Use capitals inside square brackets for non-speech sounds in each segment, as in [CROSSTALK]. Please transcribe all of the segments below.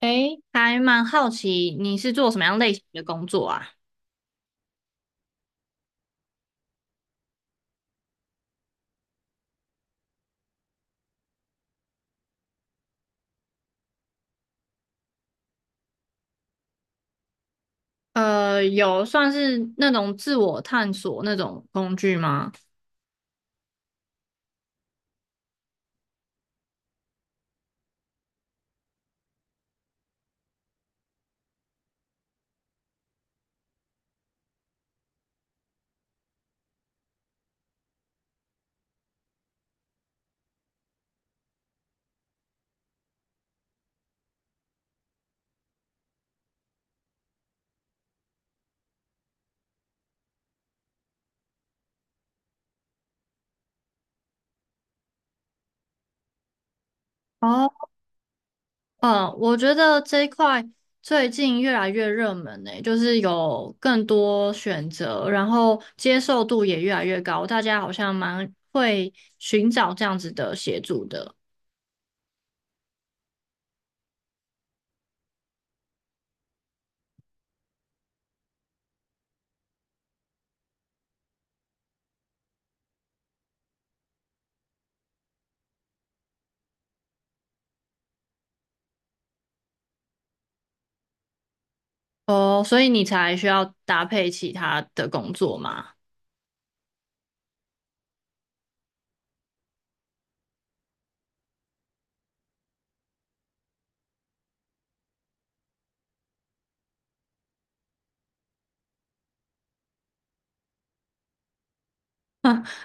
诶，还蛮好奇你是做什么样类型的工作啊？有算是那种自我探索那种工具吗？哦，我觉得这一块最近越来越热门呢、就是有更多选择，然后接受度也越来越高，大家好像蛮会寻找这样子的协助的。哦，所以你才需要搭配其他的工作吗？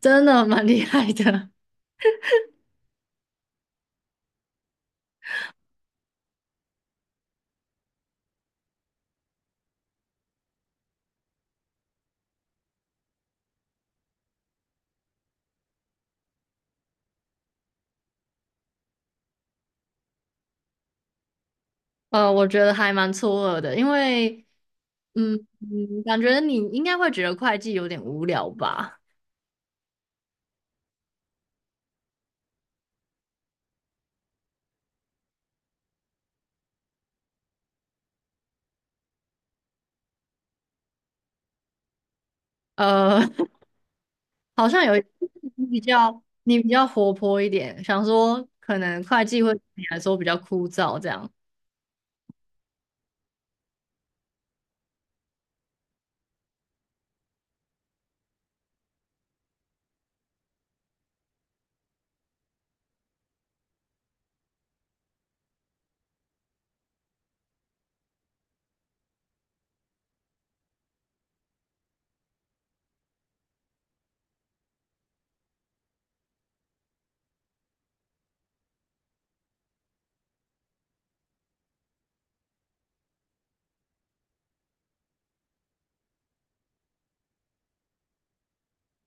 真的蛮厉害的。我觉得还蛮错愕的，因为，嗯嗯，感觉你应该会觉得会计有点无聊吧？呃，[LAUGHS] 好像有一你比较活泼一点，想说可能会计会对你来说比较枯燥这样。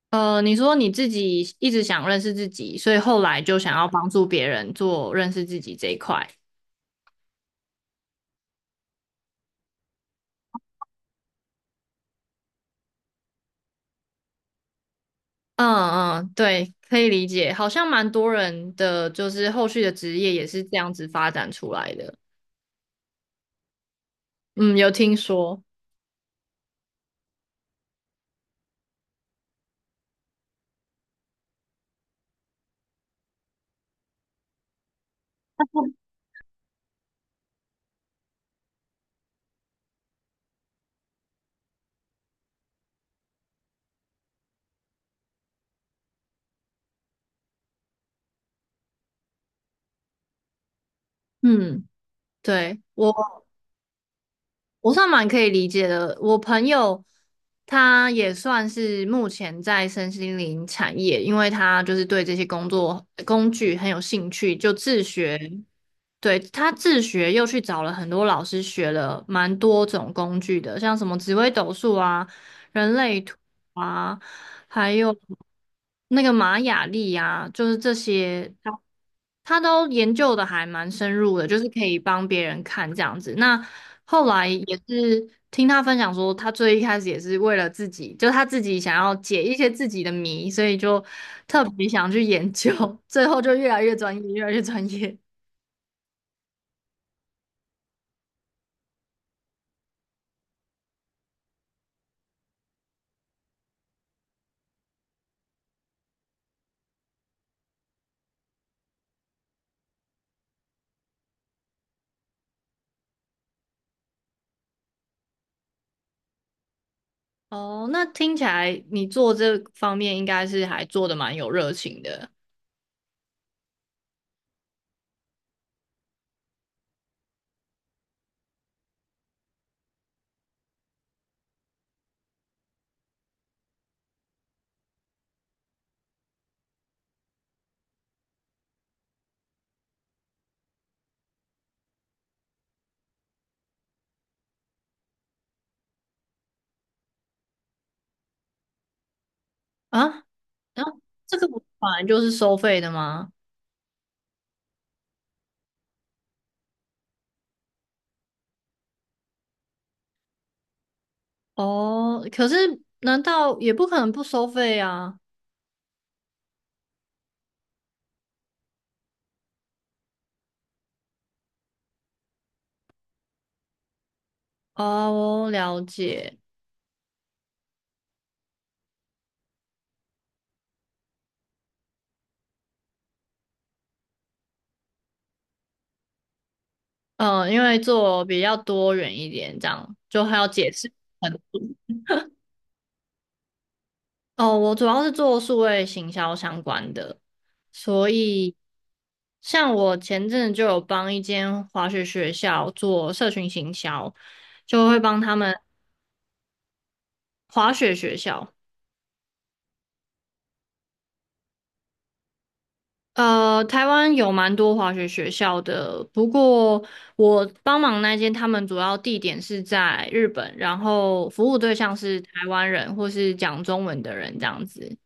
你说你自己一直想认识自己，所以后来就想要帮助别人做认识自己这一块。嗯嗯，对，可以理解，好像蛮多人的就是后续的职业也是这样子发展出来的。嗯，有听说。嗯，对，我算蛮可以理解的。我朋友他也算是目前在身心灵产业，因为他就是对这些工作工具很有兴趣，就自学。对，他自学又去找了很多老师学了蛮多种工具的，像什么紫微斗数啊、人类图。啊。还有那个玛雅历呀、就是这些，他都研究的还蛮深入的，就是可以帮别人看这样子。那后来也是听他分享说，他最一开始也是为了自己，就他自己想要解一些自己的谜，所以就特别想去研究，[LAUGHS] 最后就越来越专业，越来越专业。哦，那听起来你做这方面应该是还做的蛮有热情的啊。然后这个本来就是收费的吗？哦，可是难道也不可能不收费啊？哦，了解。嗯，因为做比较多元一点，这样就还要解释很多。哦，我主要是做数位行销相关的，所以像我前阵子就有帮一间滑雪学校做社群行销，就会帮他们滑雪学校。台湾有蛮多滑雪学校的，不过我帮忙那间，他们主要地点是在日本，然后服务对象是台湾人或是讲中文的人这样子。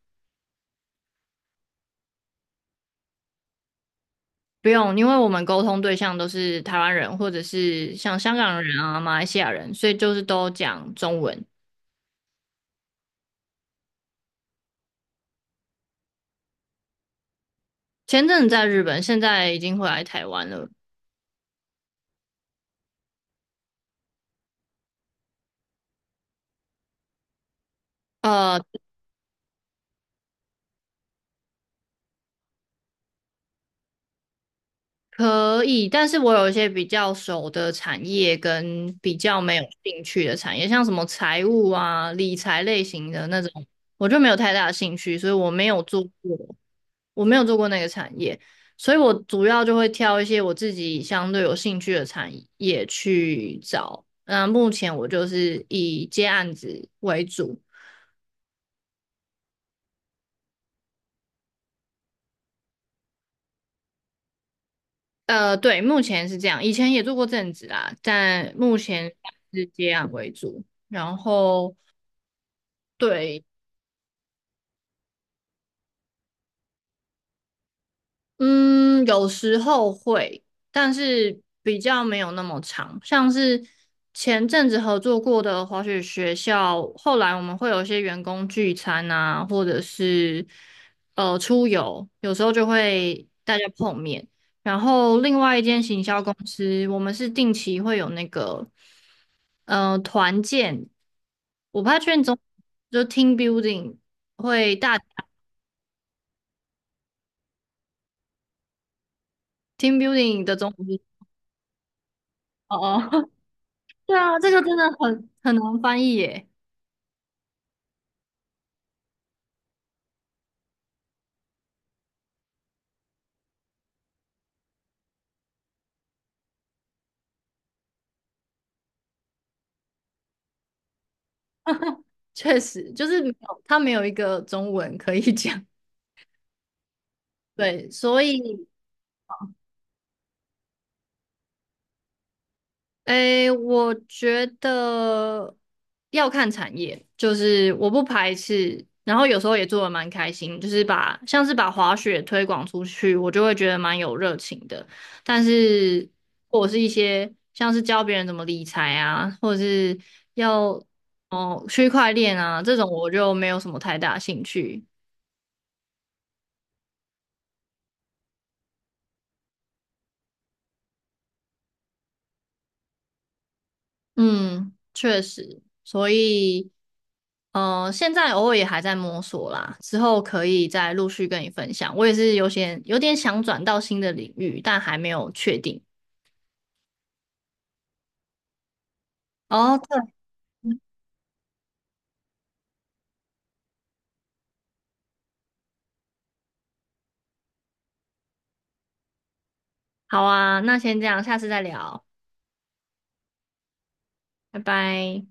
不用，因为我们沟通对象都是台湾人或者是像香港人啊、马来西亚人，所以就是都讲中文。前阵子在日本，现在已经回来台湾了。呃，可以，但是我有一些比较熟的产业跟比较没有兴趣的产业，像什么财务啊、理财类型的那种，我就没有太大的兴趣，所以我没有做过，我没有做过那个产业，所以我主要就会挑一些我自己相对有兴趣的产业去找。那目前我就是以接案子为主，对，目前是这样，以前也做过正职啦，但目前是接案为主，然后。对，嗯，有时候会，但是比较没有那么长。像是前阵子合作过的滑雪学校，后来我们会有一些员工聚餐啊，或者是出游，有时候就会大家碰面。然后另外一间行销公司，我们是定期会有那个团建，我怕太确定中，就 team building 会大 team building 的中文是哦哦。对啊，这个真的很难翻译耶，确实就是没有，它没有一个中文可以 [LAUGHS] 讲。对，所以，诶，我觉得要看产业，就是我不排斥，然后有时候也做的蛮开心，就是把像是把滑雪推广出去，我就会觉得蛮有热情的。但是，或者是一些像是教别人怎么理财啊，或者是要哦区块链啊这种，我就没有什么太大兴趣。嗯，确实，所以，现在偶尔也还在摸索啦，之后可以再陆续跟你分享。我也是有些有点想转到新的领域，但还没有确定。哦，对，好啊，那先这样，下次再聊，拜拜。